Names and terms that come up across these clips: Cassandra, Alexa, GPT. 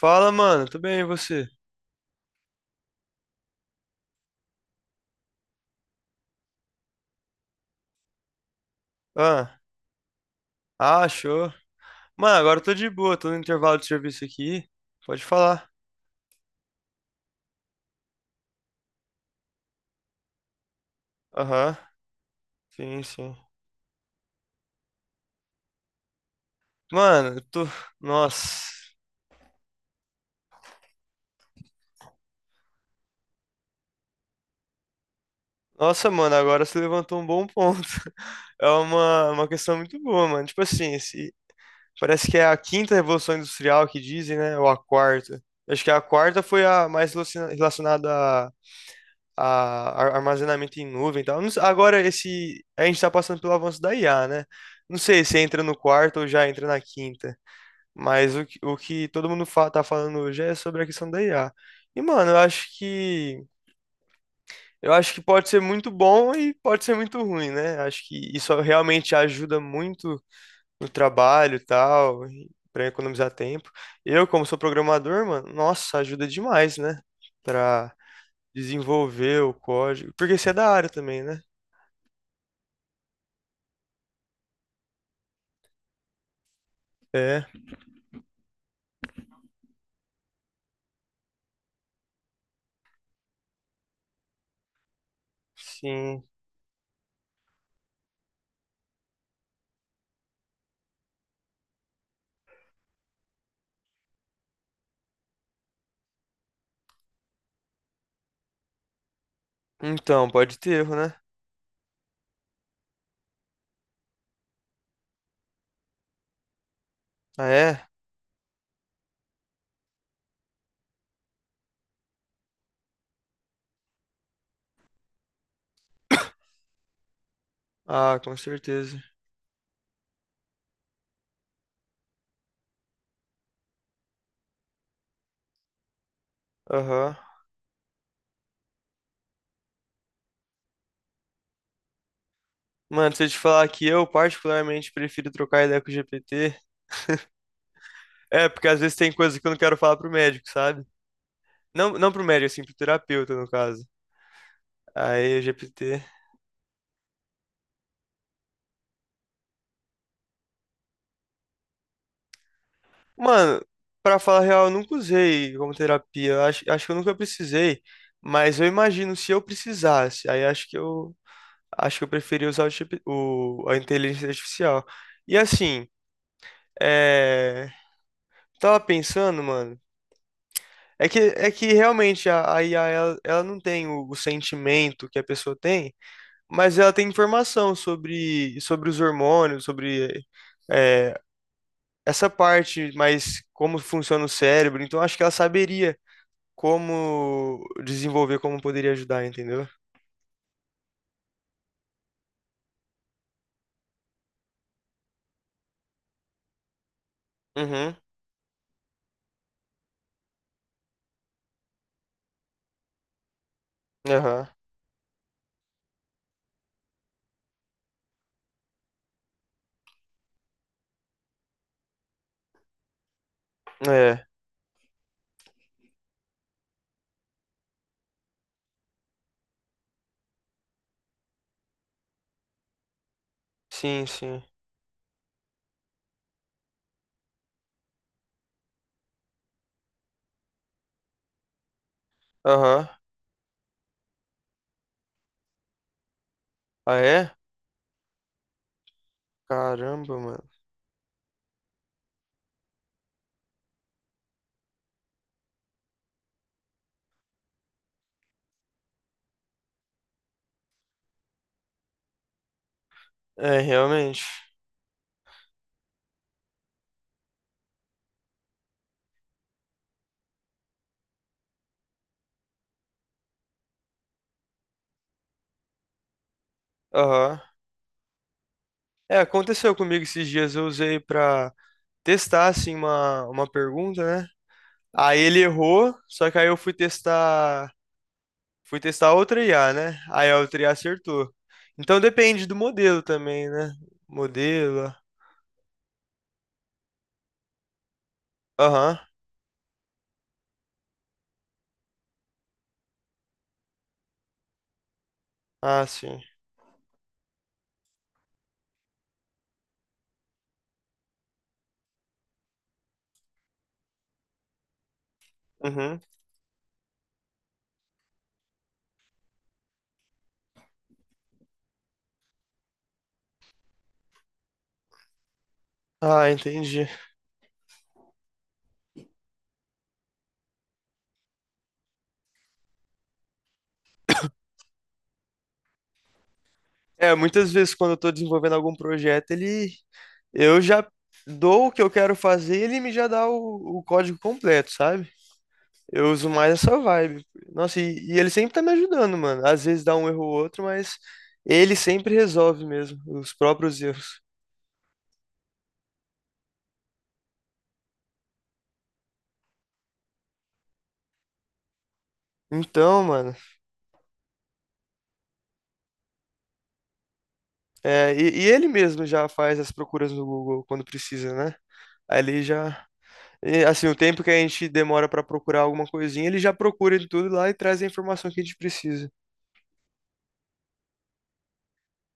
Fala, mano, tudo bem e você? Ah, Show. Mano, agora eu tô de boa, tô no intervalo de serviço aqui. Pode falar. Aham, sim, sim. Mano, eu tô. Nossa. Nossa, mano, agora você levantou um bom ponto. É uma questão muito boa, mano. Tipo assim, esse parece que é a quinta revolução industrial que dizem, né? Ou a quarta. Acho que a quarta foi a mais relacionada a armazenamento em nuvem e tal. Não sei. Agora, esse, a gente está passando pelo avanço da IA, né? Não sei se entra no quarto ou já entra na quinta, mas o que todo mundo fa tá falando hoje é sobre a questão da IA. E, mano, eu acho que pode ser muito bom e pode ser muito ruim, né? Acho que isso realmente ajuda muito no trabalho e tal, para economizar tempo. Eu, como sou programador, mano, nossa, ajuda demais, né? Para desenvolver o código, porque você é da área também, né? É, sim. Então, pode ter erro, né? Ah, é? Ah, com certeza. Aham. Mano, se eu te falar que eu particularmente prefiro trocar ideia com o GPT, é porque às vezes tem coisa que eu não quero falar pro médico, sabe? Não, não pro médico, assim, pro terapeuta, no caso. Aí, o GPT. Mano, pra falar a real, eu nunca usei como terapia. Eu acho que eu nunca precisei. Mas eu imagino se eu precisasse. Aí acho que eu acho que eu preferia usar o a inteligência artificial. E assim. É, tava pensando, mano. É que realmente a IA, ela não tem o sentimento que a pessoa tem, mas ela tem informação sobre os hormônios, sobre, é, essa parte, mas como funciona o cérebro. Então acho que ela saberia como desenvolver, como poderia ajudar, entendeu? Uhum. Aham. É. Sim, sim. Aham. Ah, é? Caramba, mano. É, realmente. Aham. É, aconteceu comigo esses dias, eu usei pra testar, assim, uma pergunta, né? Aí ele errou, só que aí fui testar outra IA, né? Aí a outra IA acertou. Então depende do modelo também, né? Modelo. Aham. Ah, sim. Uhum. Ah, entendi. É, muitas vezes quando eu tô desenvolvendo algum projeto, ele eu já dou o que eu quero fazer, ele me já dá o código completo, sabe? Eu uso mais essa vibe. Nossa, e ele sempre tá me ajudando, mano. Às vezes dá um erro ou outro, mas ele sempre resolve mesmo os próprios erros. Então, mano, e ele mesmo já faz as procuras no Google quando precisa, né? Aí ele já. E, Assim, o tempo que a gente demora pra procurar alguma coisinha, ele já procura de tudo lá e traz a informação que a gente precisa.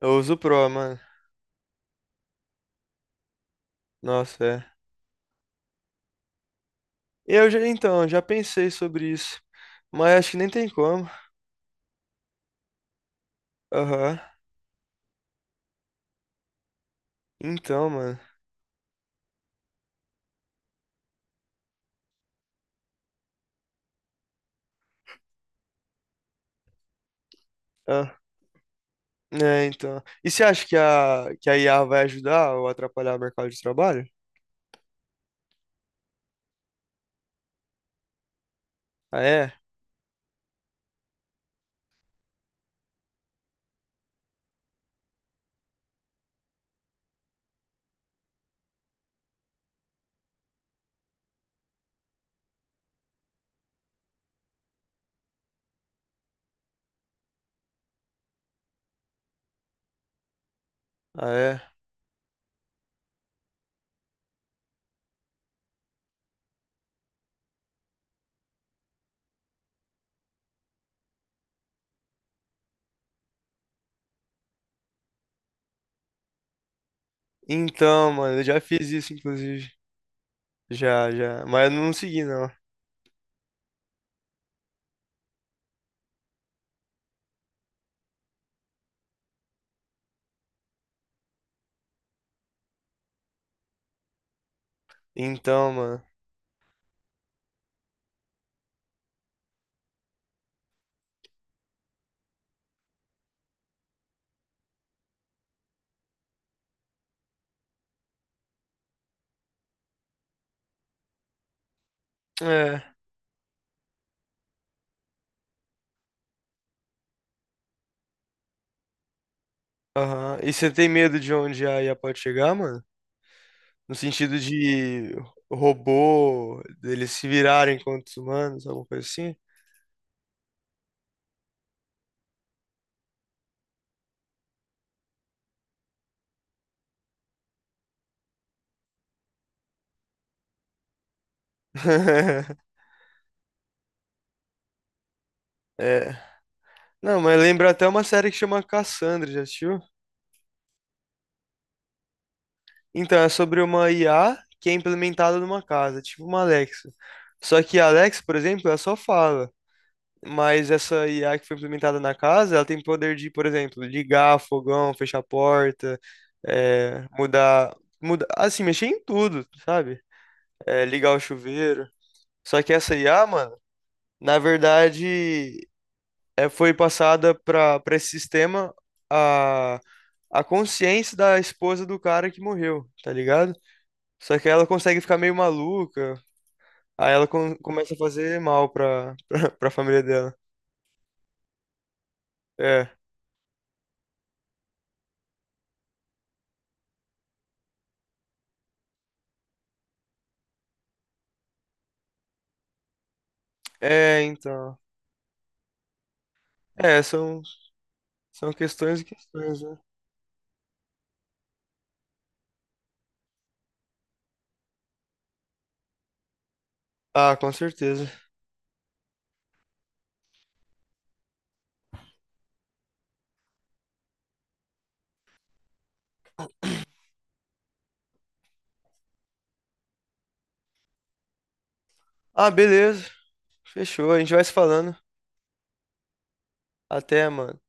Eu uso o Pro, mano. Nossa, é. Eu já, então, já pensei sobre isso. Mas acho que nem tem como. Aham. Então, mano. É, então. E você acha que a IA vai ajudar ou atrapalhar o mercado de trabalho? Ah, é? Ah, é? Então, mano, eu já fiz isso, inclusive. Já, já. Mas eu não segui, não. Então, mano. É. Aham. E você tem medo de onde a IA pode chegar, mano? No sentido de robô, deles se virarem contra os humanos, alguma coisa assim? É. Não, mas lembra até uma série que chama Cassandra, já assistiu? Então, é sobre uma IA que é implementada numa casa, tipo uma Alexa. Só que a Alexa, por exemplo, ela só fala. Mas essa IA que foi implementada na casa, ela tem poder de, por exemplo, ligar fogão, fechar a porta, é, mudar, assim, mexer em tudo, sabe? É, ligar o chuveiro. Só que essa IA, mano, na verdade, é, foi passada para esse sistema a, a consciência da esposa do cara que morreu, tá ligado? Só que ela consegue ficar meio maluca, aí ela começa a fazer mal pra, pra família dela. É, é, então. É, são São questões e questões, né? Ah, com certeza. Ah, beleza. Fechou. A gente vai se falando. Até, mano.